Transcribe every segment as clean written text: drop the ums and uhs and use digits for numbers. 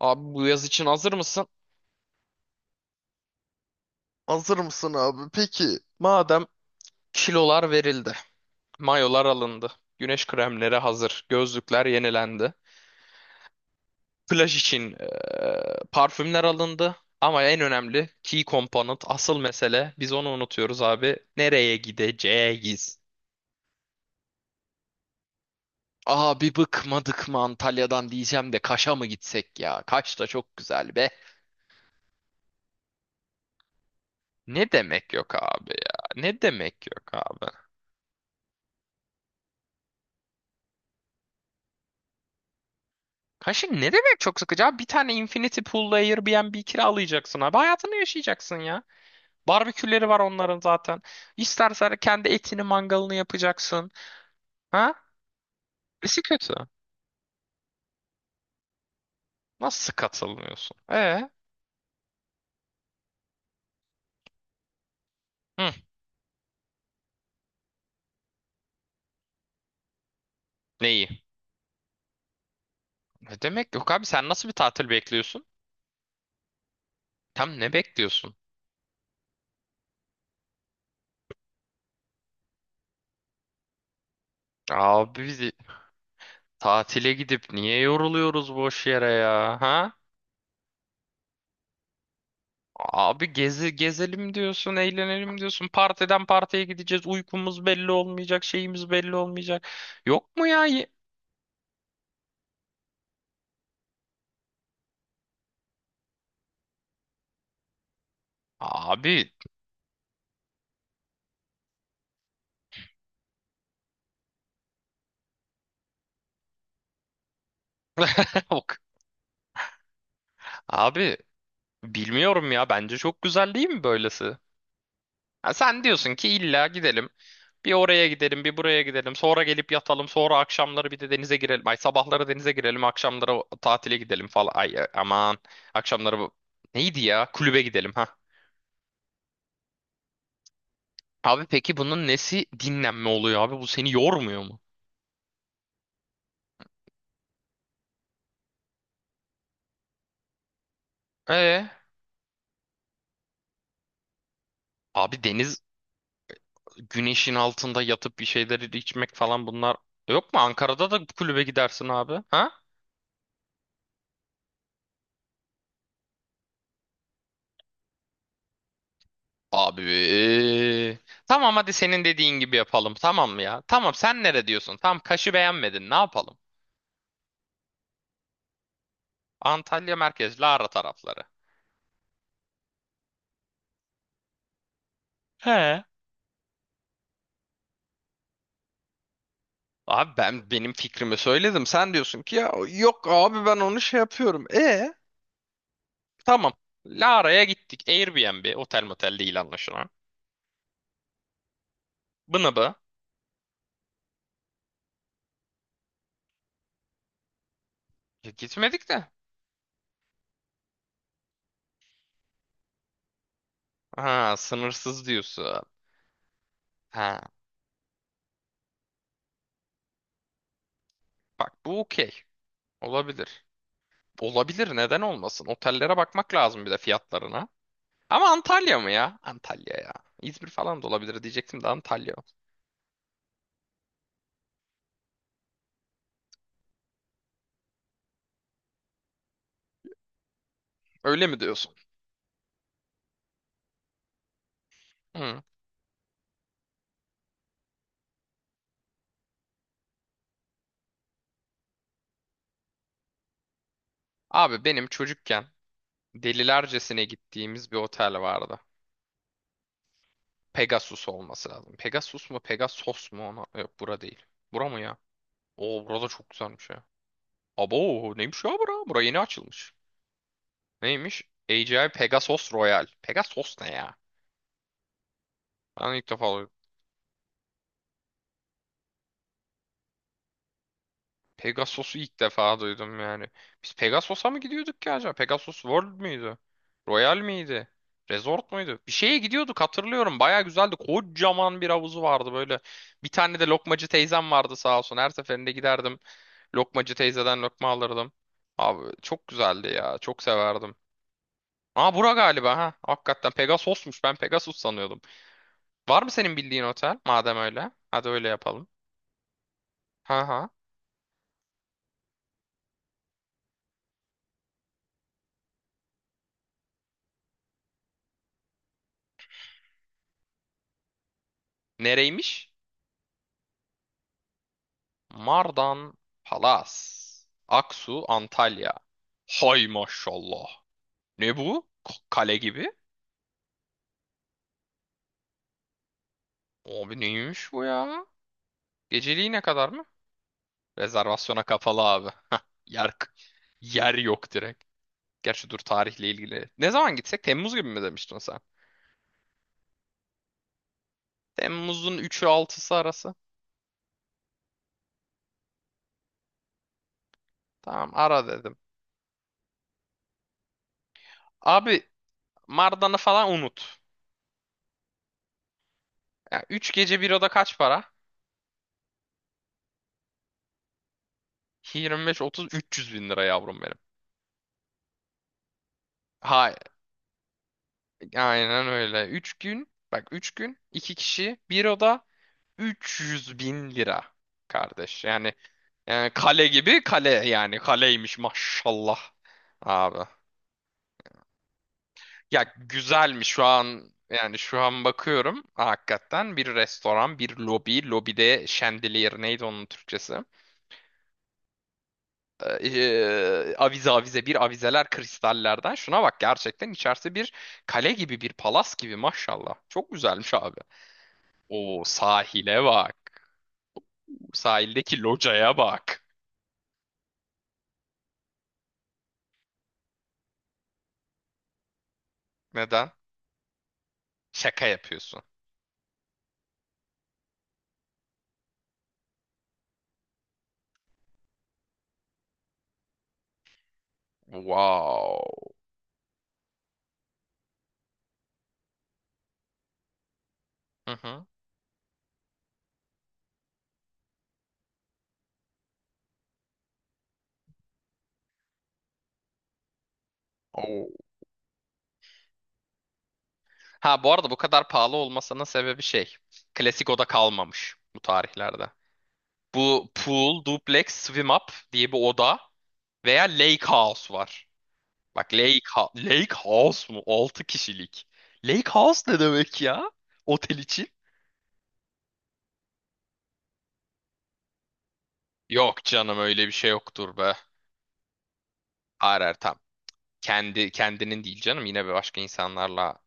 Abi bu yaz için hazır mısın? Hazır mısın abi? Peki. Madem kilolar verildi, mayolar alındı, güneş kremleri hazır, gözlükler yenilendi, plaj için parfümler alındı. Ama en önemli key component, asıl mesele biz onu unutuyoruz abi. Nereye gideceğiz? Abi bıkmadık mı Antalya'dan diyeceğim de Kaş'a mı gitsek ya? Kaş da çok güzel be. Ne demek yok abi ya? Ne demek yok abi? Kaşık ne demek çok sıkıcı abi? Bir tane Infinity Pool'la Airbnb kiralayacaksın abi. Hayatını yaşayacaksın ya. Barbeküleri var onların zaten. İstersen kendi etini mangalını yapacaksın. Ha? Nesi kötü? Nasıl katılmıyorsun? E? Hı, neyi? Ne demek yok abi sen nasıl bir tatil bekliyorsun? Tam ne bekliyorsun? Abi biz tatile gidip niye yoruluyoruz boş yere ya? Ha? Abi gezelim diyorsun, eğlenelim diyorsun. Partiden partiye gideceğiz. Uykumuz belli olmayacak, şeyimiz belli olmayacak. Yok mu ya? Abi. Yok. Abi bilmiyorum ya. Bence çok güzel değil mi böylesi? Ha, sen diyorsun ki illa gidelim. Bir oraya gidelim, bir buraya gidelim. Sonra gelip yatalım. Sonra akşamları bir de denize girelim. Ay sabahları denize girelim, akşamları tatile gidelim falan. Ay aman. Akşamları neydi ya? Kulübe gidelim ha. Abi peki bunun nesi dinlenme oluyor abi? Bu seni yormuyor mu? Ee, Abi deniz güneşin altında yatıp bir şeyleri içmek falan bunlar yok mu? Ankara'da da kulübe gidersin abi. Ha? Abi. Tamam hadi senin dediğin gibi yapalım. Tamam mı ya? Tamam sen nere diyorsun? Tamam Kaş'ı beğenmedin. Ne yapalım? Antalya merkez Lara tarafları. He. Abi ben benim fikrimi söyledim. Sen diyorsun ki ya yok abi ben onu şey yapıyorum. E? Tamam. Lara'ya gittik. Airbnb, otel motel değil anlaşılan. Bını bu. Ya gitmedik de. Ha, sınırsız diyorsun. Ha, bak bu okey. Olabilir. Olabilir, neden olmasın? Otellere bakmak lazım bir de fiyatlarına. Ama Antalya mı ya? Antalya ya. İzmir falan da olabilir diyecektim de Antalya. Öyle mi diyorsun? Hı. Abi benim çocukken delilercesine gittiğimiz bir otel vardı. Pegasus olması lazım. Pegasus mu Pegasos mu ona? Yok bura değil. Bura mı ya? Oo burada çok güzelmiş ya. Abo neymiş ya bura? Bura yeni açılmış. Neymiş? A. AGI Pegasus Royal. Pegasus ne ya? Ben ilk defa duydum. Pegasus'u ilk defa duydum yani. Biz Pegasus'a mı gidiyorduk ki acaba? Pegasus World müydü? Royal miydi? Resort muydu? Bir şeye gidiyorduk hatırlıyorum. Baya güzeldi. Kocaman bir havuzu vardı böyle. Bir tane de lokmacı teyzem vardı sağ olsun. Her seferinde giderdim. Lokmacı teyzeden lokma alırdım. Abi çok güzeldi ya. Çok severdim. Aa bura galiba ha. Hakikaten Pegasus'muş. Ben Pegasus sanıyordum. Var mı senin bildiğin otel? Madem öyle. Hadi öyle yapalım. Ha ha. Nereymiş? Mardan Palas. Aksu, Antalya. Hay maşallah. Ne bu? Kale gibi. Abi neymiş bu ya? Geceliği ne kadar mı? Rezervasyona kapalı abi. Yer, yer yok direkt. Gerçi dur tarihle ilgili. Ne zaman gitsek? Temmuz gibi mi demiştin sen? Temmuz'un üçü altısı arası. Tamam ara dedim. Abi Mardan'ı falan unut. Ya 3 gece bir oda kaç para? 25 30 300 bin lira yavrum benim. Hayır, aynen öyle. 3 gün bak 3 gün 2 kişi bir oda 300 bin lira kardeş. Yani, yani kale gibi kale yani kaleymiş maşallah abi. Ya güzelmiş şu an yani şu an bakıyorum hakikaten bir restoran bir lobi lobide şendeliyer neydi onun Türkçesi? Avize avize bir avizeler kristallerden. Şuna bak gerçekten içerisi bir kale gibi bir palas gibi maşallah. Çok güzelmiş abi. O sahile bak. Sahildeki locaya bak. Neden? Şaka yapıyorsun. Wow. Hı hı. Oo. Ha bu arada bu kadar pahalı olmasının sebebi şey. Klasik oda kalmamış bu tarihlerde. Bu pool, duplex, swim up diye bir oda veya lake house var. Bak Lake House mu? 6 kişilik. Lake House ne demek ya? Otel için? Yok canım öyle bir şey yoktur be. Arar tam. Kendi kendinin değil canım yine bir başka insanlarla.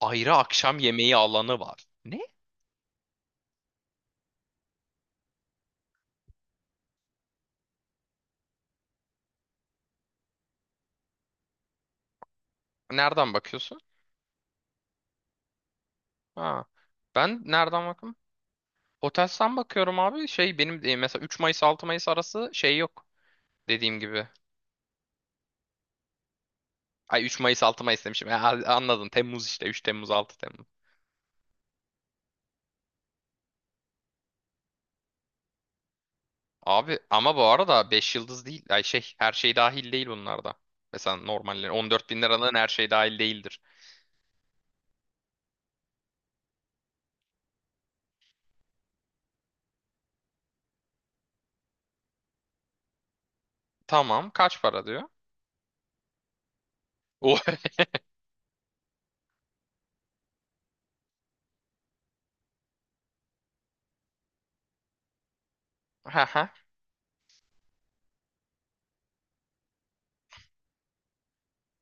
Ayrı akşam yemeği alanı var. Ne? Nereden bakıyorsun? Ha. Ben nereden bakım? Hotels'ten bakıyorum abi. Şey benim mesela 3 Mayıs 6 Mayıs arası şey yok. Dediğim gibi. Ay 3 Mayıs 6 Mayıs demişim. Anladın. Temmuz işte. 3 Temmuz 6 Abi ama bu arada 5 yıldız değil. Ay şey her şey dahil değil bunlarda. Mesela normalde 14 bin liranın her şey dahil değildir. Tamam kaç para diyor? O Haha.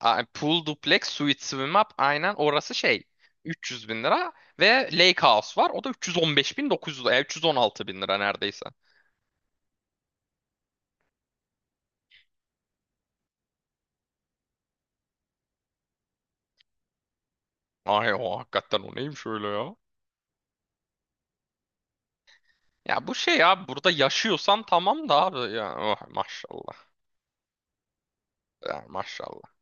Pool duplex suite swim up aynen orası şey. 300 bin lira ve Lake House var. O da 315 bin 900 316 bin lira neredeyse. Ay o hakikaten o neymiş öyle ya? Ya bu şey ya burada yaşıyorsan tamam da abi ya oh, maşallah. Ya, maşallah.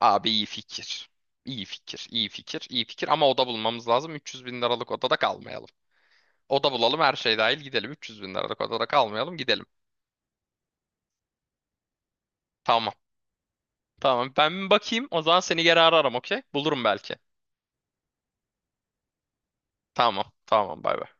Abi iyi fikir. İyi fikir, iyi fikir, iyi fikir ama oda bulmamız lazım. 300 bin liralık odada kalmayalım. Oda bulalım her şey dahil gidelim. 300 bin liralık odada kalmayalım gidelim. Tamam. Tamam ben bir bakayım o zaman seni geri ararım okey? Bulurum belki. Tamam tamam bay bay.